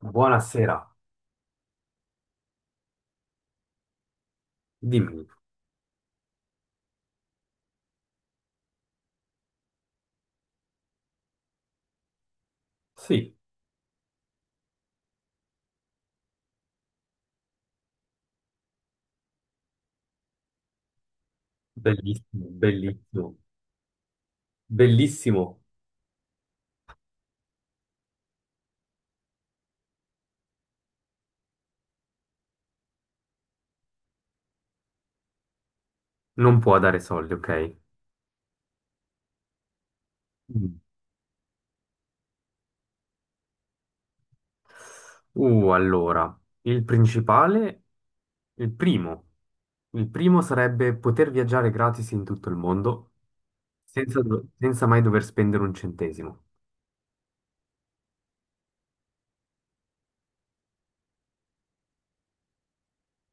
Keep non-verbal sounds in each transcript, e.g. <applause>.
Buonasera, dimmi. Sì, bellissimo, bellissimo, bellissimo. Non può dare soldi, ok? Mm. Allora, il principale, il primo, il primo sarebbe poter viaggiare gratis in tutto il mondo senza, senza mai dover spendere un centesimo.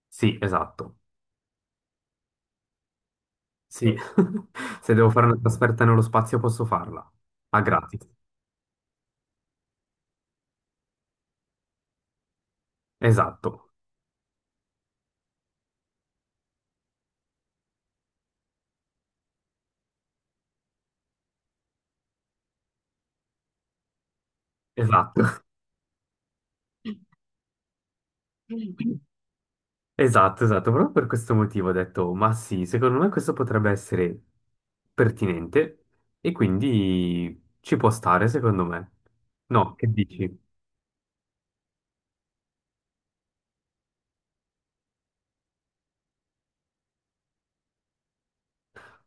Sì, esatto. Sì, <laughs> se devo fare una trasferta nello spazio posso farla. A gratis. Esatto, esatto. <laughs> Esatto, esatto, proprio per questo motivo ho detto, ma sì, secondo me questo potrebbe essere pertinente e quindi ci può stare, secondo me. No, che dici?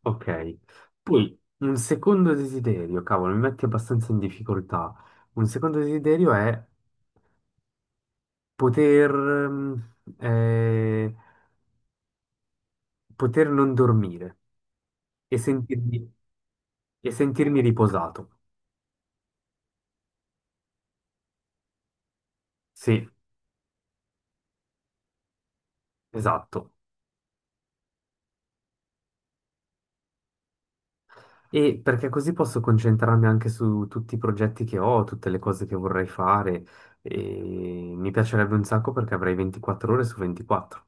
Ok. Poi un secondo desiderio, cavolo, mi metti abbastanza in difficoltà. Un secondo desiderio è poter, poter non dormire e sentirmi, e sentirmi riposato. Sì, esatto. E perché così posso concentrarmi anche su tutti i progetti che ho, tutte le cose che vorrei fare. E mi piacerebbe un sacco perché avrei 24 ore su 24.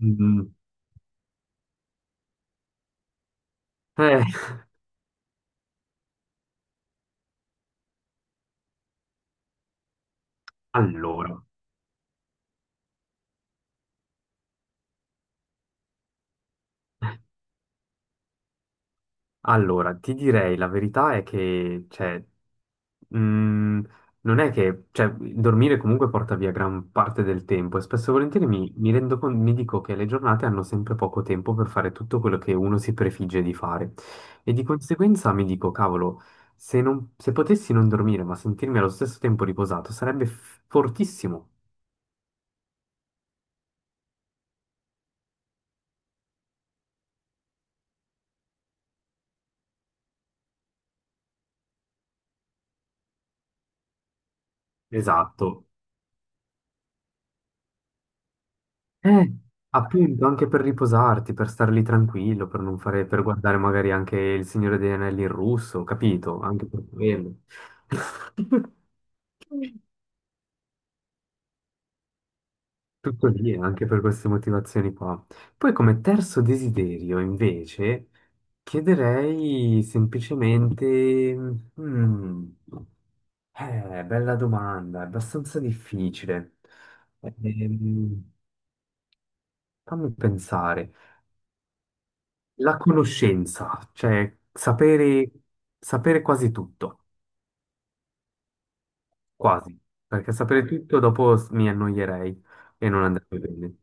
Mm. Eh, allora, allora, ti direi la verità è che, cioè, mm, non è che, cioè, dormire comunque porta via gran parte del tempo e spesso e volentieri mi rendo conto, mi dico che le giornate hanno sempre poco tempo per fare tutto quello che uno si prefigge di fare e di conseguenza mi dico, cavolo, se potessi non dormire ma sentirmi allo stesso tempo riposato sarebbe fortissimo. Esatto. Eh, appunto, anche per riposarti, per star lì tranquillo, per non fare, per guardare magari anche Il Signore degli Anelli in russo, capito? Anche per quello. <laughs> Tutto lì, anche per queste motivazioni qua. Poi come terzo desiderio, invece, chiederei semplicemente... mm, bella domanda, è abbastanza difficile. Ehm, fammi pensare. La conoscenza, cioè sapere, sapere quasi tutto, quasi, perché sapere tutto dopo mi annoierei e non andrebbe bene.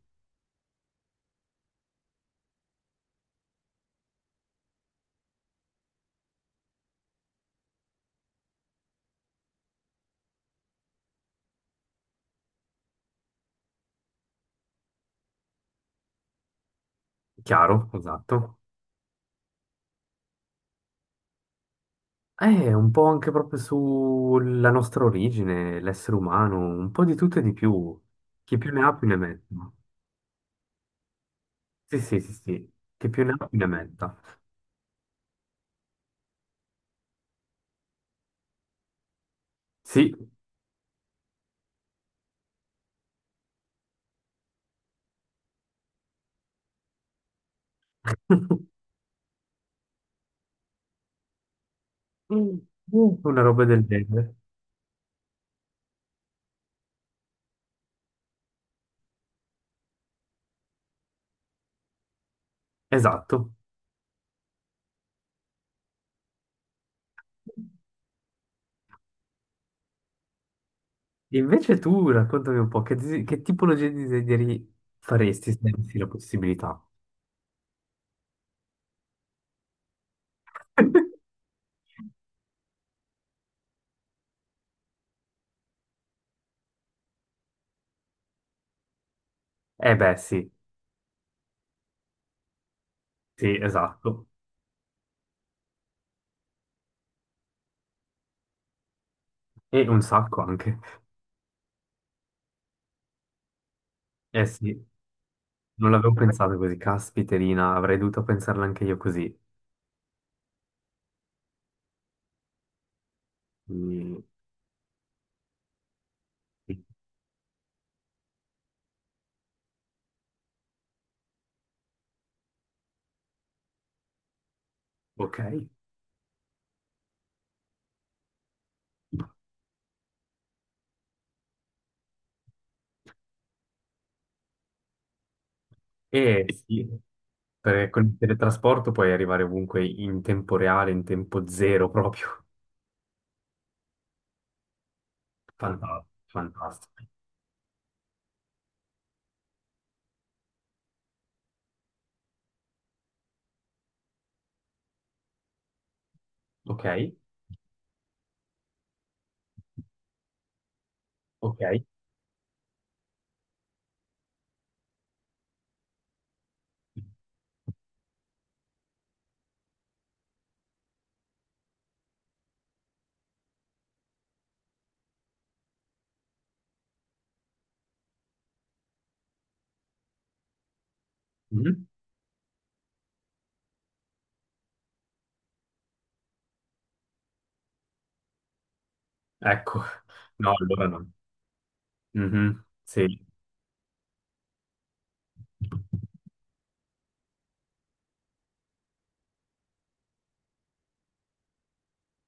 Chiaro, esatto. Un po' anche proprio sulla nostra origine, l'essere umano, un po' di tutto e di più. Chi più ne ha più ne metta. Sì, sì, sì, sì. Chi più ne ha più ne metta. Sì. <laughs> Mm. Una roba del genere. Esatto. Invece tu raccontami un po' che, che tipologia di desideri faresti se avessi la possibilità? <laughs> Eh beh, sì, sì, esatto. E un sacco anche. Eh sì, non l'avevo pensato così. Caspiterina, avrei dovuto pensarla anche io così. Mm, ok. E sì, perché con il teletrasporto puoi arrivare ovunque in tempo reale, in tempo zero proprio. Fantastico, fantastico. Ok, ok. Mhm. Ecco, no, allora no. Mhm, sì.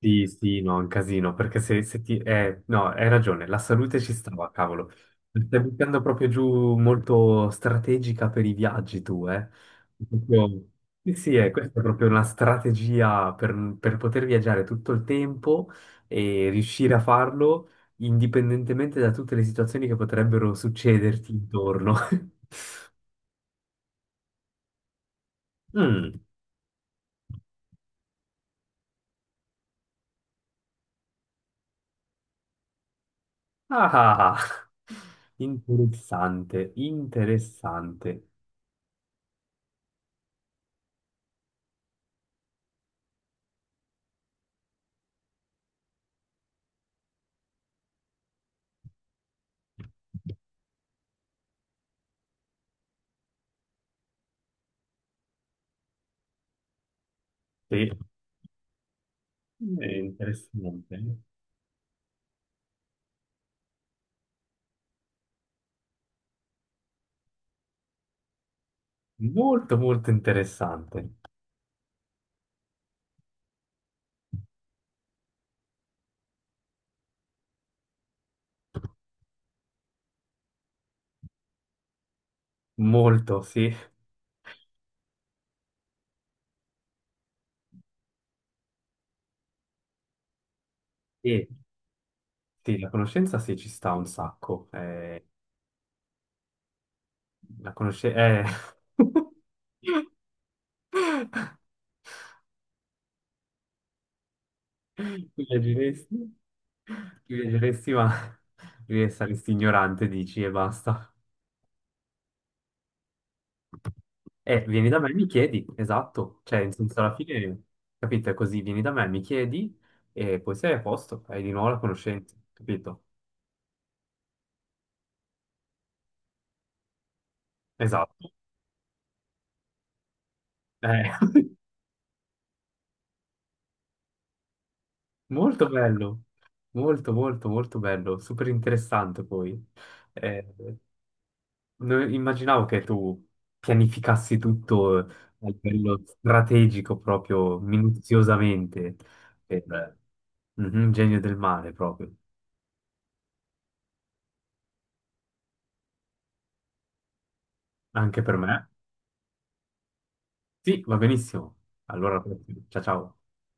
Sì, sì, no, è un casino, perché se, no, hai ragione, la salute ci stava, cavolo. Mi stai buttando proprio giù molto strategica per i viaggi tu, eh? Proprio- sì, sì, questa è proprio una strategia per poter viaggiare tutto il tempo e riuscire a farlo indipendentemente da tutte le situazioni che potrebbero succederti intorno. <laughs> Mm. Ah, ah, ah. Interessante, interessante. Sì. È interessante, molto molto interessante, molto sì, e sì, la conoscenza sì ci sta un sacco. La conoscenza, <laughs> tu viaggeresti, tu viaggeresti ma <laughs> saresti ignorante, dici e basta. Vieni da me e mi chiedi, esatto, cioè in senso alla fine, capito, è così, vieni da me, mi chiedi e poi sei a posto, hai di nuovo la conoscenza, capito? Esatto. Eh. <laughs> Molto bello, molto molto molto bello, super interessante poi. Eh, non immaginavo che tu pianificassi tutto a livello strategico proprio minuziosamente per un genio del mare proprio, anche per me. Sì, va benissimo. Allora, ciao ciao.